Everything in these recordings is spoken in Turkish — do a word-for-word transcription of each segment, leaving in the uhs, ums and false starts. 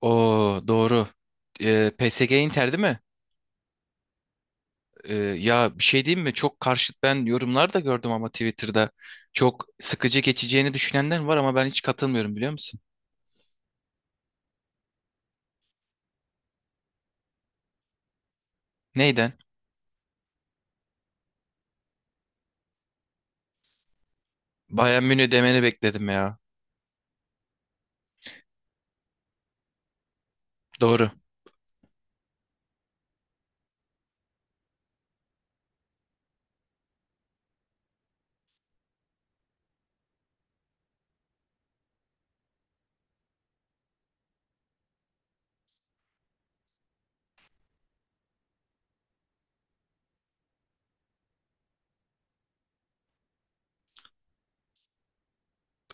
O doğru. Ee, P S G Inter değil mi? Ee, ya bir şey diyeyim mi? Çok karşıt ben yorumlar da gördüm ama Twitter'da çok sıkıcı geçeceğini düşünenler var ama ben hiç katılmıyorum biliyor musun? Neyden? Bayern Münih demeni bekledim ya. Doğru.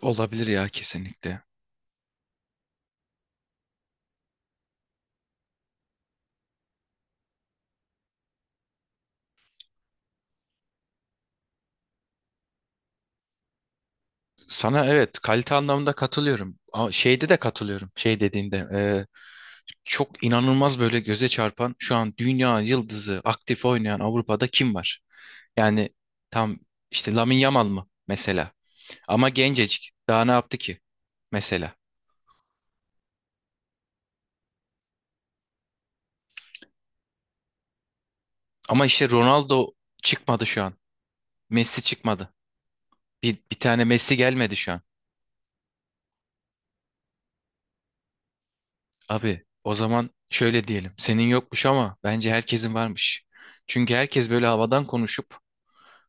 Olabilir ya kesinlikle. Sana evet kalite anlamında katılıyorum. Ama şeyde de katılıyorum. Şey dediğinde e, çok inanılmaz böyle göze çarpan şu an dünya yıldızı aktif oynayan Avrupa'da kim var? Yani tam işte Lamine Yamal mı mesela? Ama gencecik. Daha ne yaptı ki mesela? Ama işte Ronaldo çıkmadı şu an. Messi çıkmadı. Bir, bir tane Messi gelmedi şu an. Abi o zaman şöyle diyelim. Senin yokmuş ama bence herkesin varmış. Çünkü herkes böyle havadan konuşup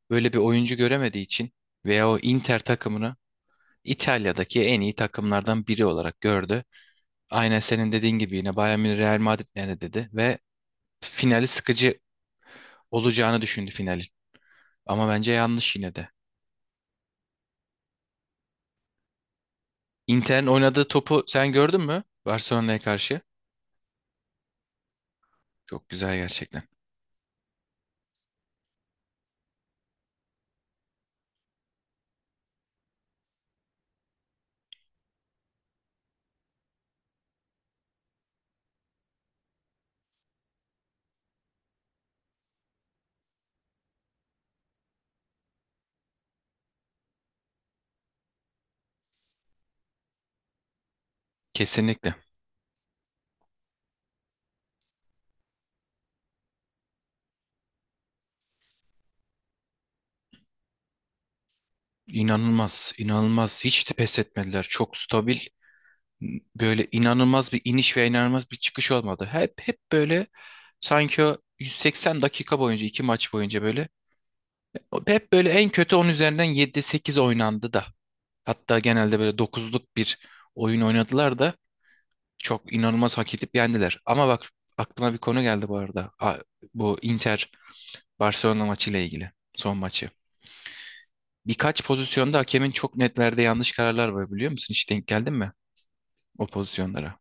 böyle bir oyuncu göremediği için veya o Inter takımını İtalya'daki en iyi takımlardan biri olarak gördü. Aynen senin dediğin gibi yine Bayern Münih Real Madrid nerede dedi ve finali sıkıcı olacağını düşündü finalin. Ama bence yanlış yine de. Inter'in oynadığı topu sen gördün mü? Barcelona'ya karşı. Çok güzel gerçekten. Kesinlikle. İnanılmaz, inanılmaz. Hiç de pes etmediler. Çok stabil. Böyle inanılmaz bir iniş ve inanılmaz bir çıkış olmadı. Hep hep böyle sanki o yüz seksen dakika boyunca, iki maç boyunca böyle hep böyle en kötü on üzerinden yedi sekiz oynandı da. Hatta genelde böyle dokuzluk bir oyun oynadılar da çok inanılmaz hak edip yendiler. Ama bak aklıma bir konu geldi bu arada. A- Bu Inter Barcelona maçıyla ilgili. Son maçı. Birkaç pozisyonda hakemin çok netlerde yanlış kararlar var biliyor musun? Hiç denk geldin mi o pozisyonlara?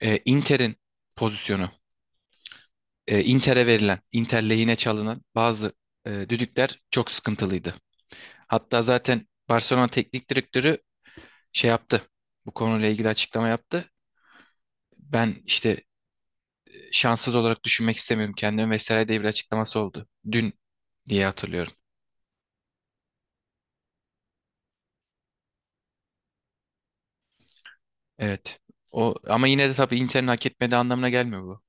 Ee, Inter'in pozisyonu. Ee, Inter'e verilen, Inter lehine çalınan bazı e, düdükler çok sıkıntılıydı. Hatta zaten Barcelona teknik direktörü şey yaptı. Bu konuyla ilgili açıklama yaptı. Ben işte e, şanssız olarak düşünmek istemiyorum kendimi vesaire diye bir açıklaması oldu. Dün diye hatırlıyorum. Evet. O ama yine de tabii Inter'in hak etmediği anlamına gelmiyor bu.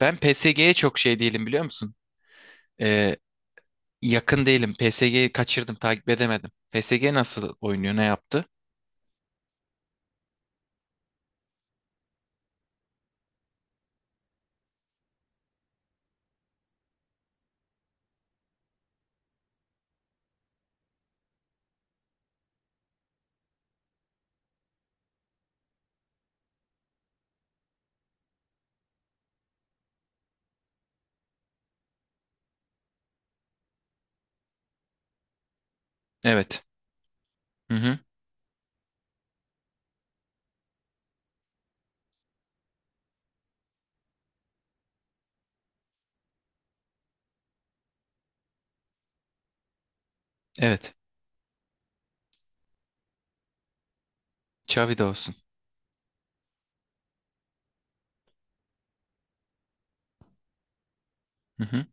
Ben P S G'ye çok şey değilim biliyor musun? Ee, yakın değilim. P S G'yi kaçırdım, takip edemedim. P S G nasıl oynuyor, ne yaptı? Evet. Hı hı. Evet. Xavi de olsun. Hı hı.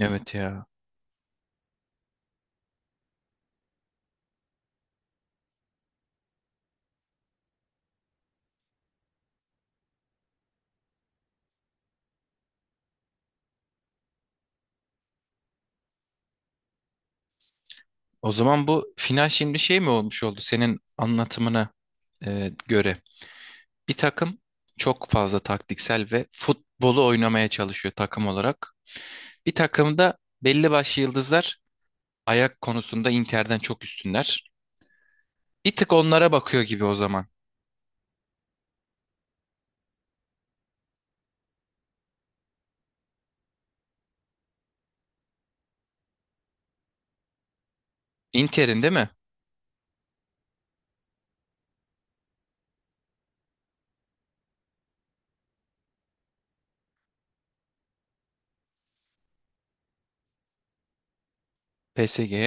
Evet ya. O zaman bu final şimdi şey mi olmuş oldu senin anlatımına e, göre? Bir takım çok fazla taktiksel ve futbolu oynamaya çalışıyor takım olarak. Bir takımda belli başlı yıldızlar ayak konusunda Inter'den çok üstünler. Bir tık onlara bakıyor gibi o zaman. Inter'in değil mi? P S G'ye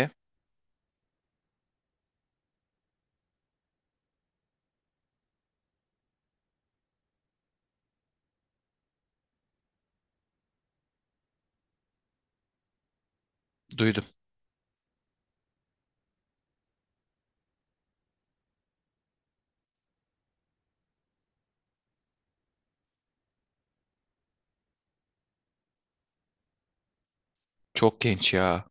duydum. Çok genç ya.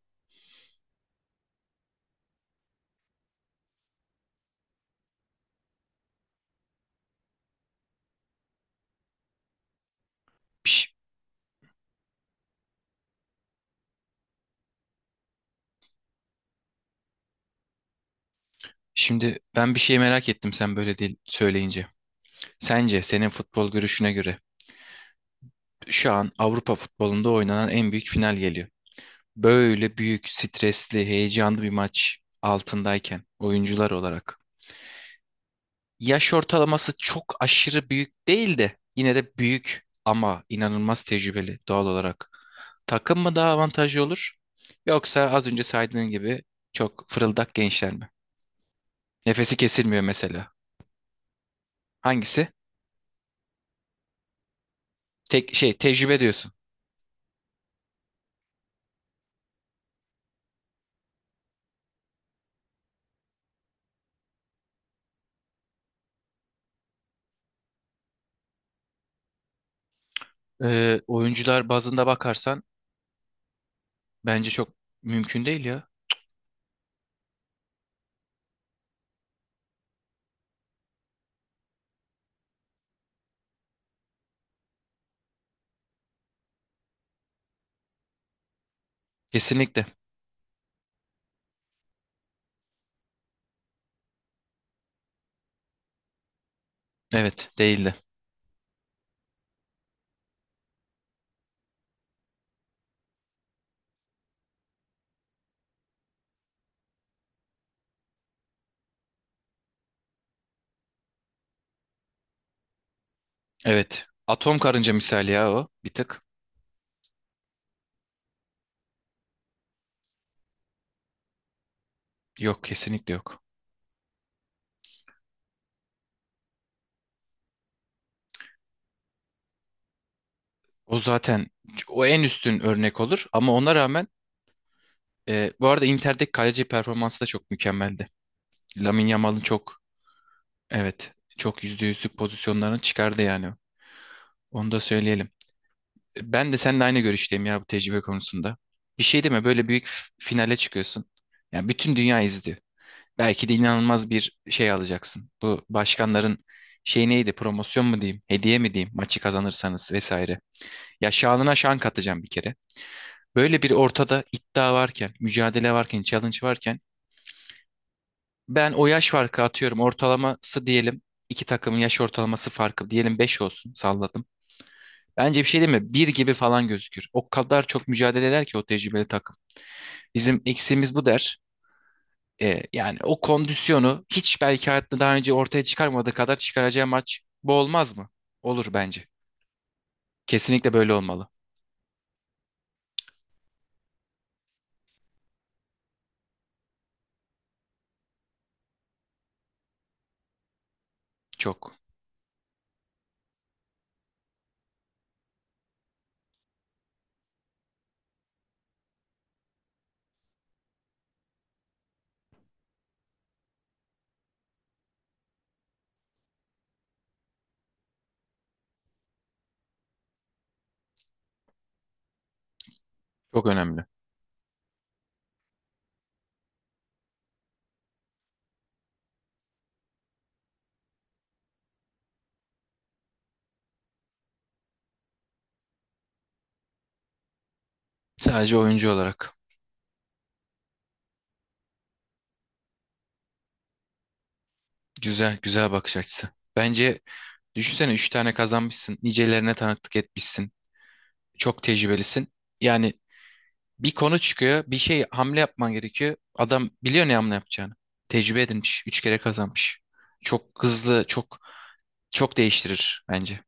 Piş. Şimdi ben bir şey merak ettim sen böyle değil söyleyince. Sence senin futbol görüşüne göre şu an Avrupa futbolunda oynanan en büyük final geliyor. Böyle büyük, stresli, heyecanlı bir maç altındayken oyuncular olarak. Yaş ortalaması çok aşırı büyük değil de yine de büyük ama inanılmaz tecrübeli doğal olarak. Takım mı daha avantajlı olur? Yoksa az önce saydığın gibi çok fırıldak gençler mi? Nefesi kesilmiyor mesela. Hangisi? Tek şey tecrübe diyorsun. Ee, oyuncular bazında bakarsan bence çok mümkün değil ya. Kesinlikle. Evet, değildi. Evet. Atom karınca misali ya o. Bir tık. Yok kesinlikle yok. O zaten o en üstün örnek olur ama ona rağmen e, bu arada Inter'deki kaleci performansı da çok mükemmeldi. Lamine Yamal'ın çok, evet, çok yüzde yüzlük pozisyonlarını çıkardı yani. Onu da söyleyelim. E, Ben de seninle aynı görüşteyim ya bu tecrübe konusunda. Bir şey deme böyle büyük f- finale çıkıyorsun. Yani bütün dünya izliyor. Belki de inanılmaz bir şey alacaksın. Bu başkanların şey neydi? Promosyon mu diyeyim? Hediye mi diyeyim? Maçı kazanırsanız vesaire. Ya şanına şan katacağım bir kere. Böyle bir ortada iddia varken, mücadele varken, challenge varken ben o yaş farkı atıyorum. Ortalaması diyelim iki takımın yaş ortalaması farkı diyelim beş olsun salladım. Bence bir şey değil mi? Bir gibi falan gözükür. O kadar çok mücadele eder ki o tecrübeli takım. Bizim eksiğimiz bu der. E, yani o kondisyonu hiç belki hayatında daha önce ortaya çıkarmadığı kadar çıkaracağı maç bu olmaz mı? Olur bence. Kesinlikle böyle olmalı. Çok. Çok önemli. Sadece oyuncu olarak. Güzel, güzel bakış açısı. Bence düşünsene üç tane kazanmışsın. Nicelerine tanıklık etmişsin. Çok tecrübelisin. Yani bir konu çıkıyor. Bir şey hamle yapman gerekiyor. Adam biliyor ne hamle yapacağını. Tecrübe edinmiş. üç kere kazanmış. Çok hızlı, çok çok değiştirir bence.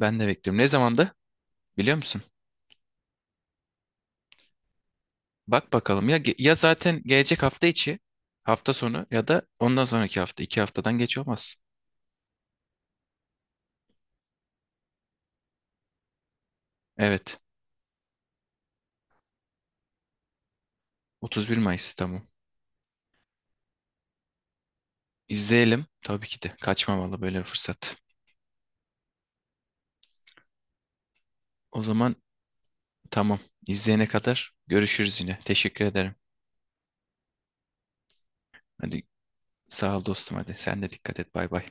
Ben de bekliyorum. Ne zamandı? Biliyor musun? Bak bakalım ya ge- ya zaten gelecek hafta içi hafta sonu ya da ondan sonraki hafta iki haftadan geç olmaz. Evet. Otuz bir Mayıs, tamam. İzleyelim tabii ki de kaçmamalı böyle bir fırsat. O zaman tamam. İzleyene kadar görüşürüz yine. Teşekkür ederim. Hadi sağ ol dostum hadi. Sen de dikkat et. Bay bay.